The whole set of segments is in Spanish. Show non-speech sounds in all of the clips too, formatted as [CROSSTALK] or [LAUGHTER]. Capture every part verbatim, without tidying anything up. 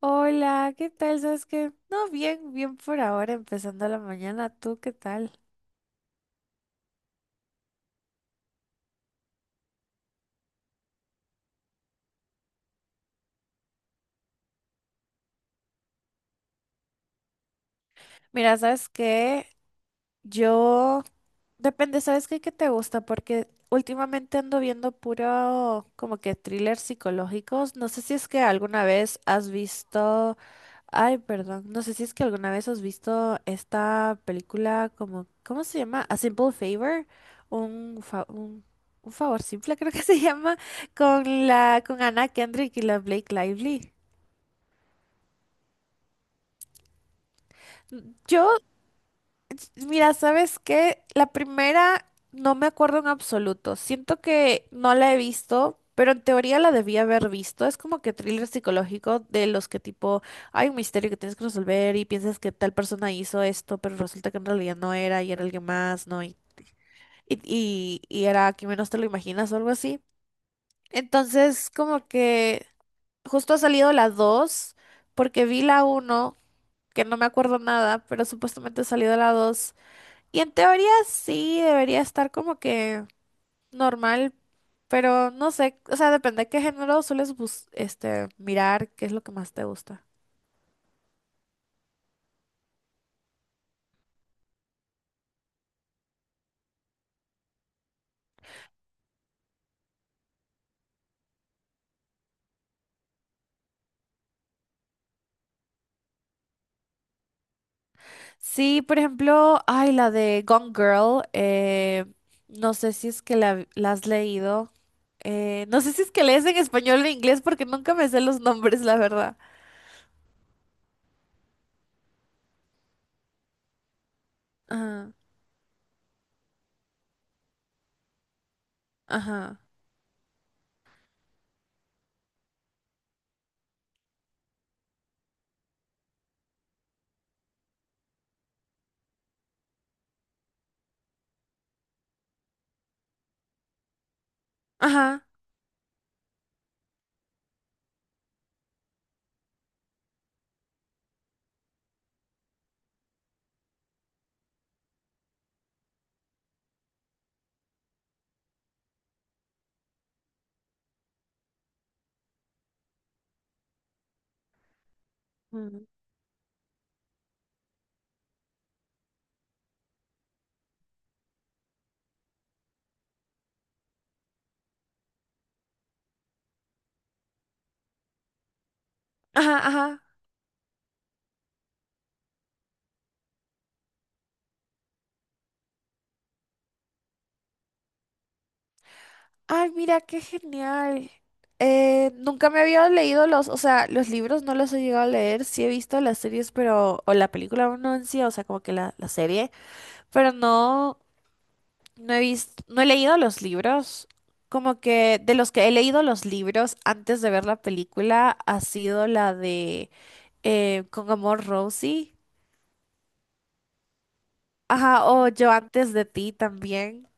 Hola, ¿qué tal? ¿Sabes qué? No, bien, bien por ahora, empezando la mañana. ¿Tú qué tal? Mira, ¿sabes qué? Yo Depende, ¿sabes qué, qué te gusta? Porque últimamente ando viendo puro como que thrillers psicológicos. No sé si es que alguna vez has visto... Ay, perdón. No sé si es que alguna vez has visto esta película como... ¿Cómo se llama? A Simple Favor. Un, fa- un, un favor simple [LAUGHS] creo que se llama. Con la, con Anna Kendrick y la Blake Lively. Yo Mira, ¿sabes qué? La primera No me acuerdo en absoluto. Siento que no la he visto, pero en teoría la debía haber visto. Es como que thriller psicológico de los que tipo hay un misterio que tienes que resolver y piensas que tal persona hizo esto, pero resulta que en realidad no era y era alguien más, ¿no? Y, y, y era quien menos te lo imaginas o algo así. Entonces, como que justo ha salido la dos porque vi la uno que no me acuerdo nada, pero supuestamente ha salido la dos. Y en teoría sí debería estar como que normal, pero no sé, o sea, depende de qué género sueles bus- este mirar, qué es lo que más te gusta. Sí, por ejemplo, ay, la de Gone Girl, eh, no sé si es que la, la has leído, eh, no sé si es que lees en español o en inglés porque nunca me sé los nombres, la verdad. Ajá, ajá, ajá. Mm. Ajá, ajá. Ay, mira, qué genial. Eh, nunca me había leído los, o sea, los libros no los he llegado a leer, sí he visto las series, pero, o la película no en sí, o sea, como que la, la serie, pero no, no he visto, no he leído los libros. Como que de los que he leído los libros antes de ver la película ha sido la de eh, Con Amor Rosie. Ajá, o Yo antes de ti también.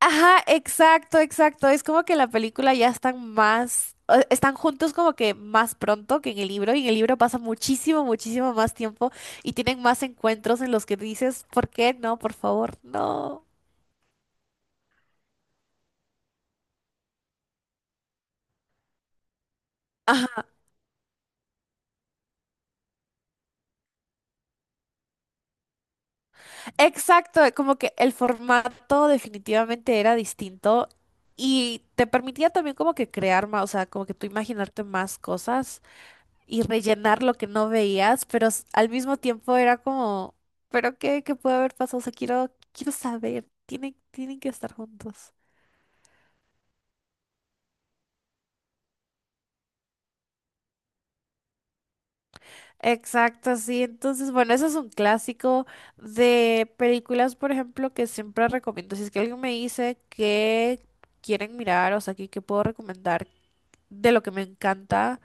Ajá, exacto, exacto. Es como que en la película ya están más, o- están juntos como que más pronto que en el libro, y en el libro pasa muchísimo, muchísimo más tiempo y tienen más encuentros en los que dices, ¿por qué no? Por favor, no. Ajá, exacto, eh, como que el formato definitivamente era distinto y te permitía también como que crear más, o sea, como que tú imaginarte más cosas. Y rellenar lo que no veías, pero s- al mismo tiempo era como, ¿pero qué? ¿Qué puede haber pasado? O sea, quiero, quiero saber. Tienen, tienen que estar juntos. Exacto, sí. Entonces, bueno, eso es un clásico de películas, por ejemplo, que siempre recomiendo. Si es que alguien me dice que quieren mirar, o sea, que, que puedo recomendar de lo que me encanta,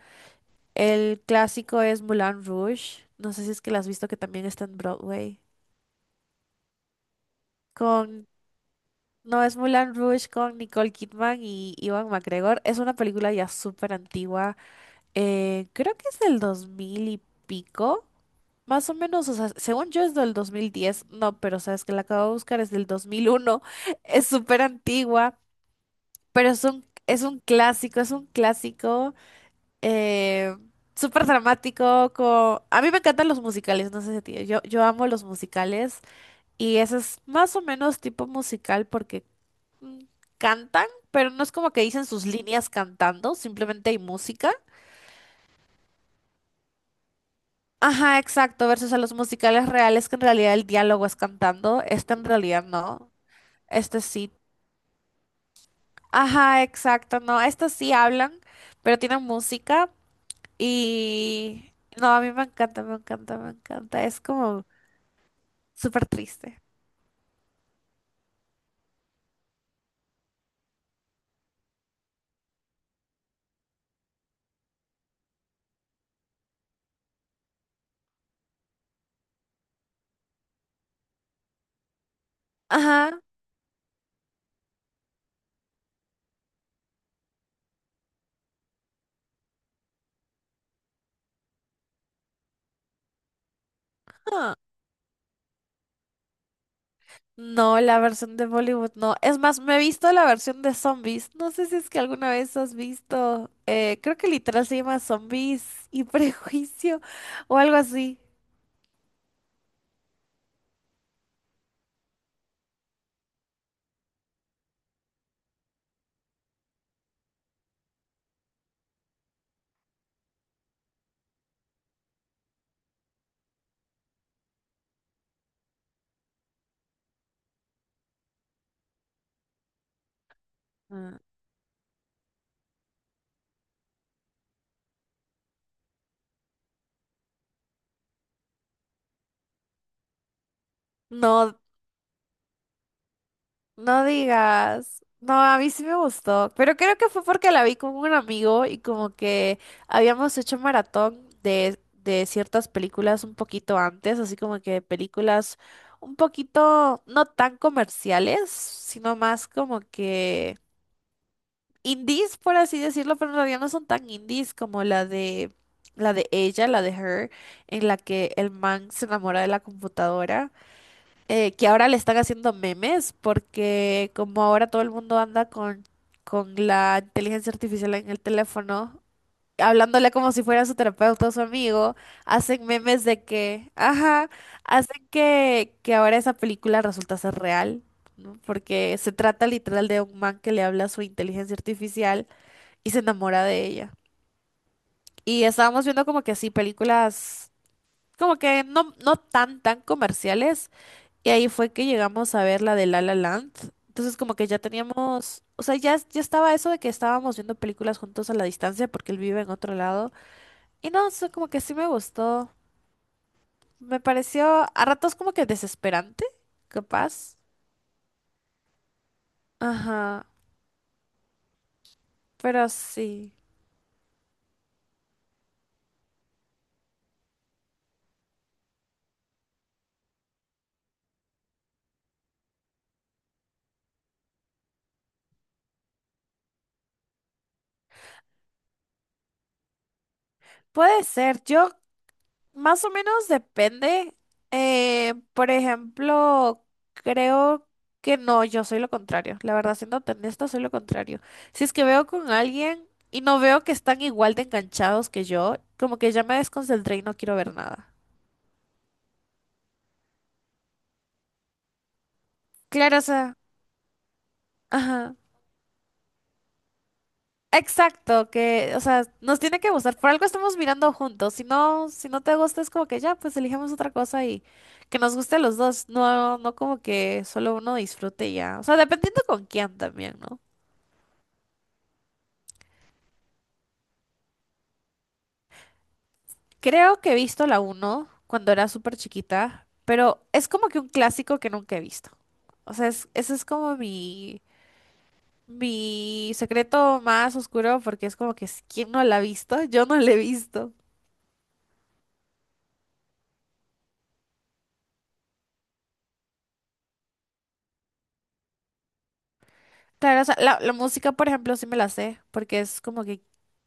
el clásico es Moulin Rouge. No sé si es que la has visto, que también está en Broadway. Con No, es Mulan Rouge con Nicole Kidman y Ivan McGregor. Es una película ya súper antigua. Eh, creo que es del dos mil y pico. Más o menos, o sea, según yo es del dos mil diez. No, pero sabes que la acabo de buscar, es del dos mil uno. [LAUGHS] Es súper antigua, pero es un, es un clásico, es un clásico eh, súper dramático. Co- A mí me encantan los musicales, no sé si a ti. Yo, yo amo los musicales. Y ese es más o menos tipo musical porque mm, cantan, pero no es como que dicen sus líneas cantando, simplemente hay música. Ajá, exacto, versus a los musicales reales que en realidad el diálogo es cantando, este en realidad no, este sí. Ajá, exacto, no, estos sí hablan, pero tienen música y... No, a mí me encanta, me encanta, me encanta, es como súper triste. Ajá. No, la versión de Bollywood no. Es más, me he visto la versión de zombies. No sé si es que alguna vez has visto. Eh, creo que literal se llama Zombies y [LAUGHS] Prejuicio o algo así. Ah, no, no digas. No, a mí sí me gustó. Pero creo que fue porque la vi con un amigo y como que habíamos hecho maratón de, de ciertas películas un poquito antes, así como que películas un poquito no tan comerciales, sino más como que indies, por así decirlo, pero en realidad no son tan indies como la de la de ella, la de Her, en la que el man se enamora de la computadora, eh, que ahora le están haciendo memes porque como ahora todo el mundo anda con con la inteligencia artificial en el teléfono, hablándole como si fuera su terapeuta o su amigo, hacen memes de que, ajá, hacen que que ahora esa película resulta ser real. ¿No? Porque se trata literal de un man que le habla a su inteligencia artificial y se enamora de ella. Y estábamos viendo como que así películas, como que no, no tan, tan comerciales. Y ahí fue que llegamos a ver la de La La Land. Entonces como que ya teníamos, o sea, ya, ya estaba eso de que estábamos viendo películas juntos a la distancia porque él vive en otro lado. Y no, o sea, como que sí me gustó. Me pareció a ratos como que desesperante, capaz. Ajá, pero sí. Puede ser. Yo Más o menos depende. Eh, por ejemplo, creo que no, yo soy lo contrario. La verdad, siendo honesta, soy lo contrario. Si es que veo con alguien y no veo que están igual de enganchados que yo, como que ya me desconcentré y no quiero ver nada. Claro, o sea, ajá. Exacto, que, o sea, nos tiene que gustar. Por algo estamos mirando juntos. Si no, si no te gusta, es como que ya, pues elijamos otra cosa y que nos guste a los dos. No, no como que solo uno disfrute y ya. O sea, dependiendo con quién también, ¿no? Creo que he visto la uno cuando era súper chiquita, pero es como que un clásico que nunca he visto. O sea, es- ese es como mi, mi secreto más oscuro porque es como que si, ¿quién no la ha visto? Yo no la he visto. Claro, o sea, la, la música, por ejemplo, sí me la sé, porque es como que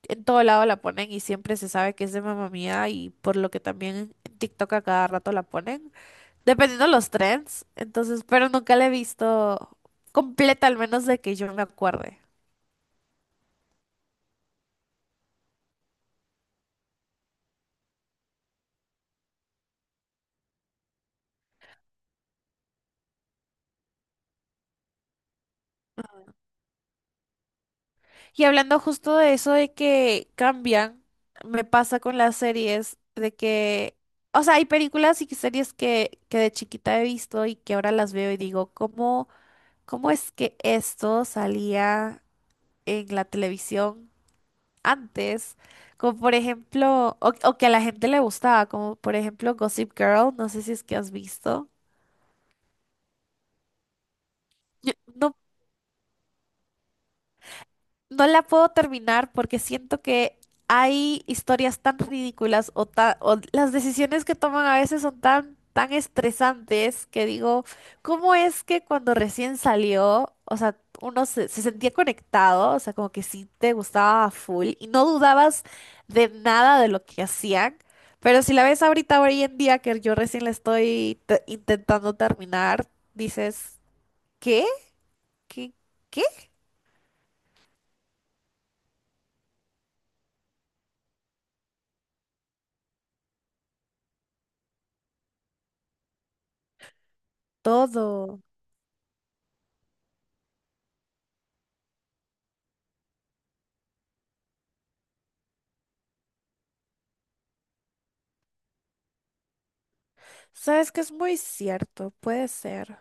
en todo lado la ponen y siempre se sabe que es de mamá Mía y por lo que también en TikTok a cada rato la ponen, dependiendo de los trends, entonces, pero nunca la he visto completa, al menos de que yo me acuerde. Y hablando justo de eso de que cambian, me pasa con las series de que, o sea, hay películas y series que, que de chiquita he visto y que ahora las veo y digo, ¿cómo, cómo es que esto salía en la televisión antes, como por ejemplo, o, o que a la gente le gustaba, como por ejemplo Gossip Girl, no sé si es que has visto. Yo- no No la puedo terminar porque siento que hay historias tan ridículas o, ta- o las decisiones que toman a veces son tan, tan estresantes que digo, ¿cómo es que cuando recién salió, o sea, uno se, se sentía conectado, o sea, como que sí te gustaba a full y no dudabas de nada de lo que hacían? Pero si la ves ahorita, hoy en día, que yo recién la estoy te- intentando terminar, dices, ¿qué? ¿Qué? ¿Qué? Todo. Sabes que es muy cierto, puede ser.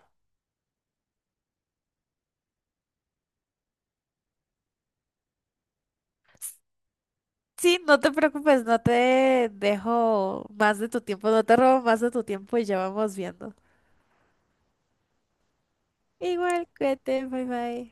Sí, no te preocupes, no te dejo más de tu tiempo, no te robo más de tu tiempo y ya vamos viendo. Igual, cuídate, bye bye.